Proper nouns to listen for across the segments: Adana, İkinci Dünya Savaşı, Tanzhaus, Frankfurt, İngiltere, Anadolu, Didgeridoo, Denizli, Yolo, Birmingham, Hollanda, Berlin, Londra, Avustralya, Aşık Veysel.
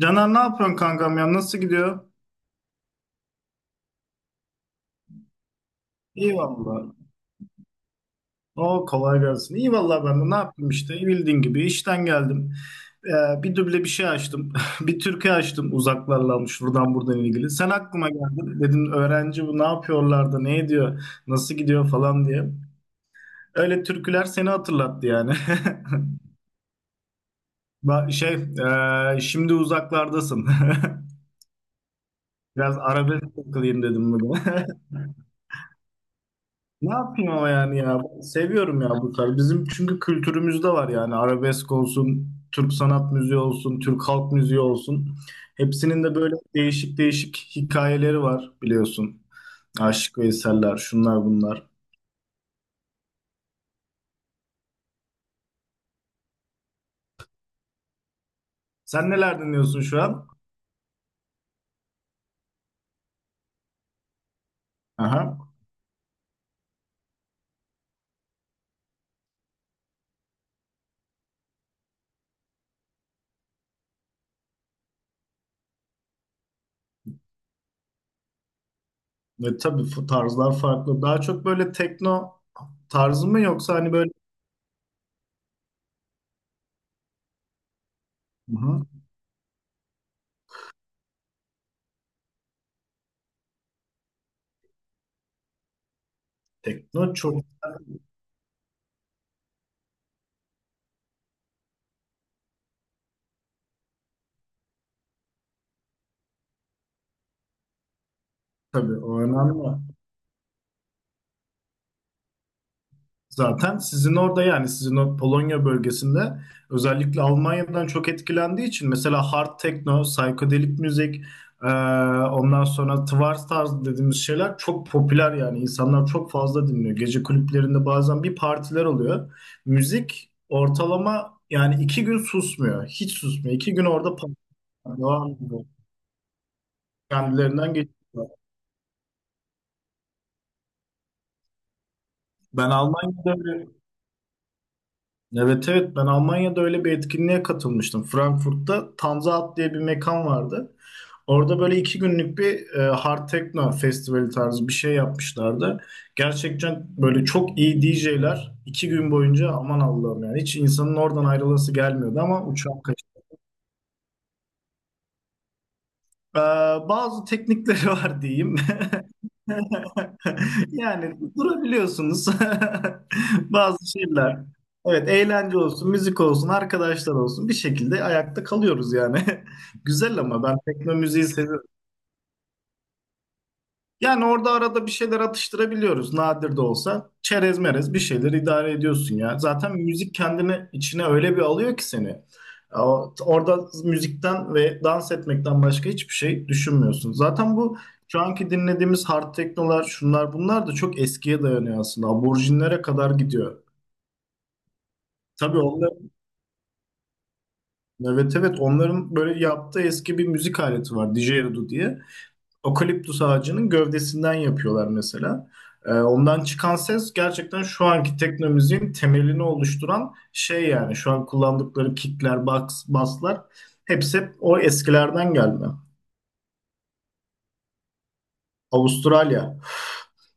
Caner, ne yapıyorsun kankam ya? Nasıl gidiyor? İyi valla. O kolay gelsin. İyi valla, ben de ne yaptım işte. Bildiğin gibi işten geldim. Bir duble bir şey açtım. Bir türkü açtım, uzaklarla almış buradan ilgili. Sen aklıma geldin. Dedim öğrenci bu ne yapıyorlar da ne ediyor? Nasıl gidiyor falan diye. Öyle türküler seni hatırlattı yani. Şey, şimdi uzaklardasın. Biraz arabesk takılayım dedim bugün. Ne yapayım ama yani, ya seviyorum ya bu tarz. Bizim çünkü kültürümüzde var yani, arabesk olsun, Türk sanat müziği olsun, Türk halk müziği olsun. Hepsinin de böyle değişik değişik hikayeleri var, biliyorsun. Aşık Veysel'ler, şunlar bunlar. Sen neler dinliyorsun şu an? Aha. Ve tabii bu tarzlar farklı. Daha çok böyle tekno tarzı mı, yoksa hani böyle. Hı hı. Tekno çok, tabii o önemli. Zaten sizin orada, yani sizin o Polonya bölgesinde, özellikle Almanya'dan çok etkilendiği için mesela hard techno, psychedelic müzik, e, ondan sonra twar tarzı dediğimiz şeyler çok popüler, yani insanlar çok fazla dinliyor. Gece kulüplerinde bazen bir partiler oluyor. Müzik ortalama yani 2 gün susmuyor, hiç susmuyor. 2 gün orada devam ediyor. Kendilerinden geçiyor. Ben Almanya'da Evet, evet, ben Almanya'da öyle bir etkinliğe katılmıştım. Frankfurt'ta Tanzhaus diye bir mekan vardı. Orada böyle 2 günlük bir Hard Techno festivali tarzı bir şey yapmışlardı. Gerçekten böyle çok iyi DJ'ler 2 gün boyunca, aman Allah'ım, yani hiç insanın oradan ayrılası gelmiyordu ama uçak. Ee, Bazı teknikleri var diyeyim. Yani durabiliyorsunuz. Bazı şeyler. Evet, eğlence olsun, müzik olsun, arkadaşlar olsun, bir şekilde ayakta kalıyoruz yani. Güzel ama ben tekno müziği seviyorum. Yani orada arada bir şeyler atıştırabiliyoruz, nadir de olsa. Çerez merez bir şeyler idare ediyorsun ya. Zaten müzik kendini içine öyle bir alıyor ki seni. Orada müzikten ve dans etmekten başka hiçbir şey düşünmüyorsun. Zaten bu şu anki dinlediğimiz hard teknolar, şunlar bunlar da çok eskiye dayanıyor aslında. Aborjinlere kadar gidiyor. Tabii onlar, evet, evet, onların böyle yaptığı eski bir müzik aleti var. Didgeridoo diye. Okaliptus ağacının gövdesinden yapıyorlar mesela. Ondan çıkan ses gerçekten şu anki teknomüziğin temelini oluşturan şey yani. Şu an kullandıkları kickler, box, basslar, hepsi hep o eskilerden gelme. Avustralya.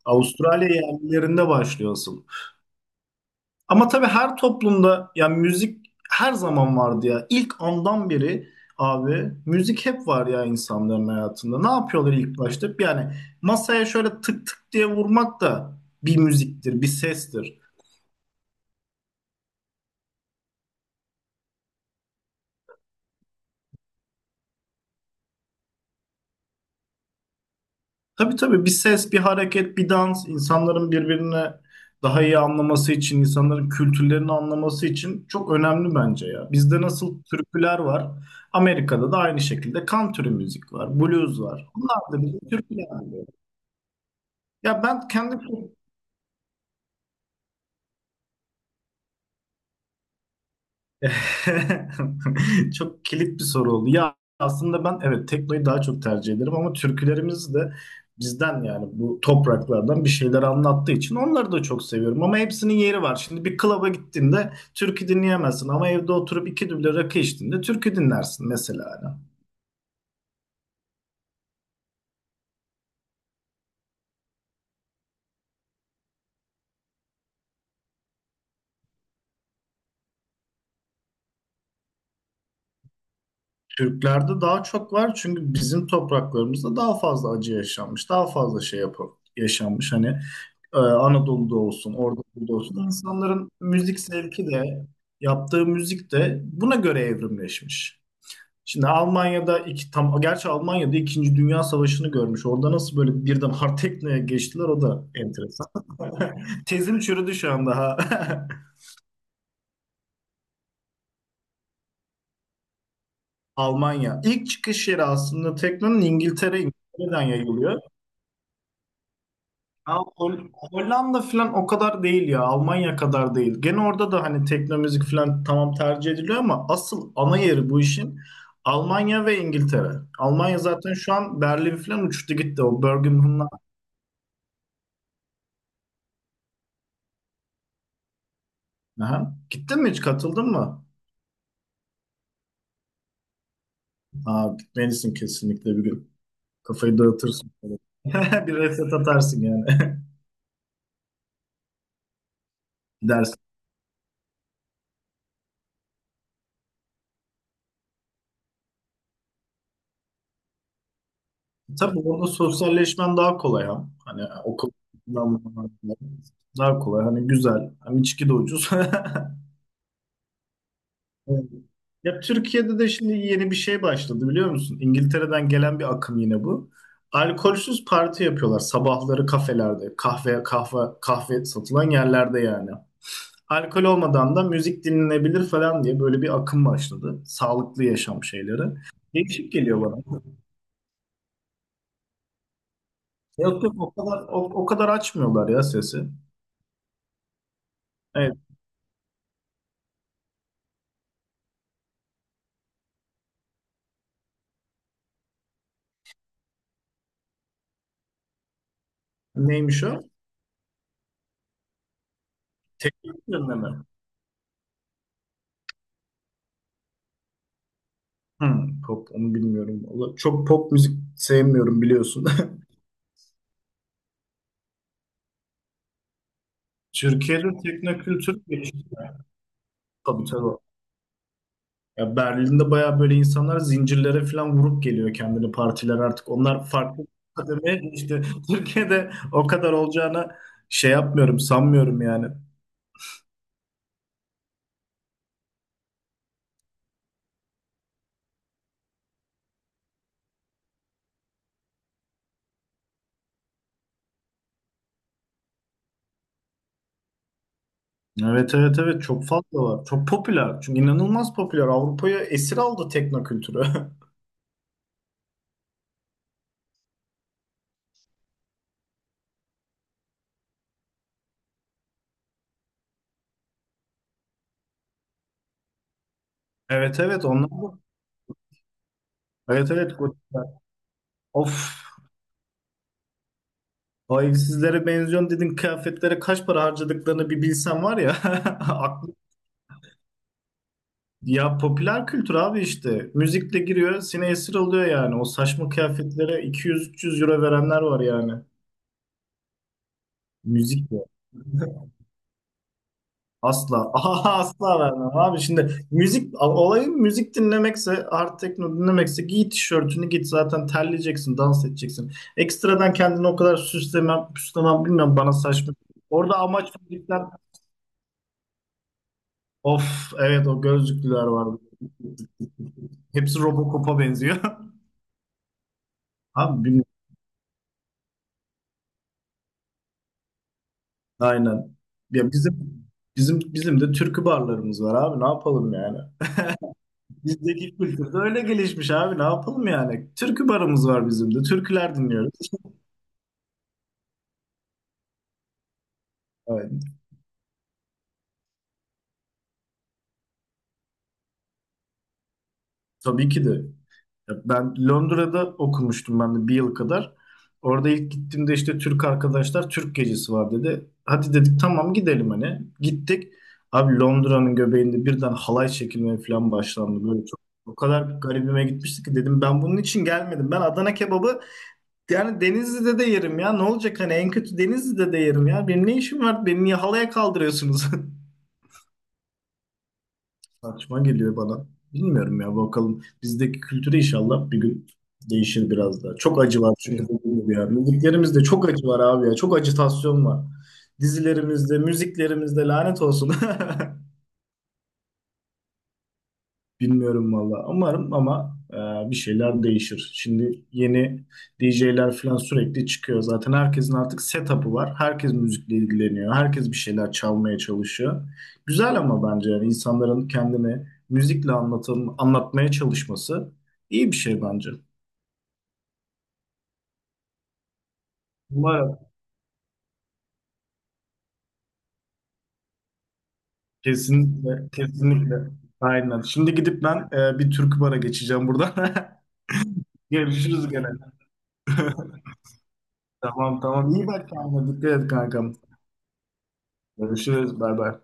Avustralya yerlilerinde başlıyor asıl. Ama tabii her toplumda yani müzik her zaman vardı ya. İlk andan beri, abi müzik hep var ya insanların hayatında. Ne yapıyorlar ilk başta? Yani masaya şöyle tık tık diye vurmak da bir müziktir, bir sestir. Tabii, tabii, bir ses, bir hareket, bir dans insanların birbirine daha iyi anlaması için, insanların kültürlerini anlaması için çok önemli bence ya. Bizde nasıl türküler var, Amerika'da da aynı şekilde country müzik var, blues var. Bunlar da bizim türküler. Ya ben kendi. Çok kilit bir soru oldu. Ya aslında ben evet, teknoyu daha çok tercih ederim ama türkülerimiz de bizden, yani bu topraklardan bir şeyler anlattığı için onları da çok seviyorum. Ama hepsinin yeri var. Şimdi bir klaba gittiğinde türkü dinleyemezsin ama evde oturup 2 düble rakı içtiğinde türkü dinlersin mesela, yani. Türklerde daha çok var çünkü bizim topraklarımızda daha fazla acı yaşanmış, daha fazla şey yaşanmış. Hani Anadolu'da olsun, orada burada olsun insanların müzik zevki de yaptığı müzik de buna göre evrimleşmiş. Şimdi Almanya'da iki tam, gerçi Almanya'da İkinci Dünya Savaşı'nı görmüş. Orada nasıl böyle birden hard techno'ya geçtiler, o da enteresan. Tezim çürüdü şu an daha. Almanya. İlk çıkış yeri aslında tekno'nun İngiltere, İngiltere'den yayılıyor. Ya Hollanda falan o kadar değil ya. Almanya kadar değil. Gene orada da hani tekno müzik falan tamam tercih ediliyor ama asıl ana yeri bu işin Almanya ve İngiltere. Almanya zaten şu an Berlin falan uçtu gitti. O Birmingham'la. Aha. Gittin mi, hiç katıldın mı? Aa, gitmelisin kesinlikle bir gün. Kafayı dağıtırsın. Bir reset atarsın yani. Gidersin. Tabii orada sosyalleşmen daha kolay ha. Hani okul daha kolay. Hani güzel. Hem içki de ucuz. Evet. Ya Türkiye'de de şimdi yeni bir şey başladı, biliyor musun? İngiltere'den gelen bir akım yine bu. Alkolsüz parti yapıyorlar sabahları kafelerde, kahve kahve kahve satılan yerlerde yani. Alkol olmadan da müzik dinlenebilir falan diye böyle bir akım başladı. Sağlıklı yaşam şeyleri. Değişik geliyor bana. Yok, yok, o kadar o kadar açmıyorlar ya sesi. Evet. Neymiş o? Teknik yönleme. Hmm, pop onu bilmiyorum. Vallahi çok pop müzik sevmiyorum, biliyorsun. Türkiye'de teknokültür gelişti. Tabii, tabii. Ya Berlin'de bayağı böyle insanlar zincirlere falan vurup geliyor kendini partiler artık. Onlar farklı kademeye geçti. Türkiye'de o kadar olacağını şey yapmıyorum, sanmıyorum yani. Evet, evet, evet, çok fazla var. Çok popüler. Çünkü inanılmaz popüler. Avrupa'ya esir aldı teknokültürü. Evet, evet, onlar da. Evet, evet, gotikler. Of. O evsizlere benziyorsun dedin, kıyafetlere kaç para harcadıklarını bir bilsen var ya. Aklım. Ya popüler kültür abi işte. Müzikle giriyor, seni esir alıyor yani. O saçma kıyafetlere 200-300 euro verenler var yani. Müzikle. Asla. Aha, asla vermem abi. Şimdi müzik, olayın müzik dinlemekse, hard techno dinlemekse, giy tişörtünü git, zaten terleyeceksin, dans edeceksin. Ekstradan kendini o kadar süslemem, püslemem, bilmem, bana saçma. Orada amaç müzikler, of evet, o gözlüklüler vardı. Hepsi Robocop'a benziyor. Abi. Aynen. Ya bizim de türkü barlarımız var abi, ne yapalım yani. Bizdeki kültür de öyle gelişmiş abi, ne yapalım yani. Türkü barımız var bizim de. Türküler dinliyoruz. Evet. Tabii ki de. Ya ben Londra'da okumuştum ben de bir yıl kadar. Orada ilk gittiğimde işte Türk arkadaşlar Türk gecesi var dedi. Hadi dedik tamam, gidelim hani. Gittik. Abi, Londra'nın göbeğinde birden halay çekilmeye falan başlandı. Böyle çok o kadar garibime gitmişti ki dedim ben bunun için gelmedim. Ben Adana kebabı. Yani Denizli'de de yerim ya. Ne olacak hani en kötü Denizli'de de yerim ya. Benim ne işim var? Beni niye halaya kaldırıyorsunuz? Saçma geliyor bana. Bilmiyorum ya, bakalım. Bizdeki kültürü inşallah bir gün değişir biraz daha. Çok acı var çünkü dediğim gibi ya. Müziklerimizde çok acı var abi ya. Çok acitasyon var. Dizilerimizde, müziklerimizde lanet olsun. Bilmiyorum valla. Umarım ama bir şeyler değişir. Şimdi yeni DJ'ler falan sürekli çıkıyor. Zaten herkesin artık setup'ı var. Herkes müzikle ilgileniyor. Herkes bir şeyler çalmaya çalışıyor. Güzel ama bence yani insanların kendini müzikle anlatım, anlatmaya çalışması iyi bir şey bence. Umarım. Kesinlikle, kesinlikle. Aynen. Şimdi gidip ben bir türkü bara geçeceğim buradan. Görüşürüz gene. Tamam, tamam. İyi bak kendine. Dikkat et kankam. Görüşürüz. Bay bay.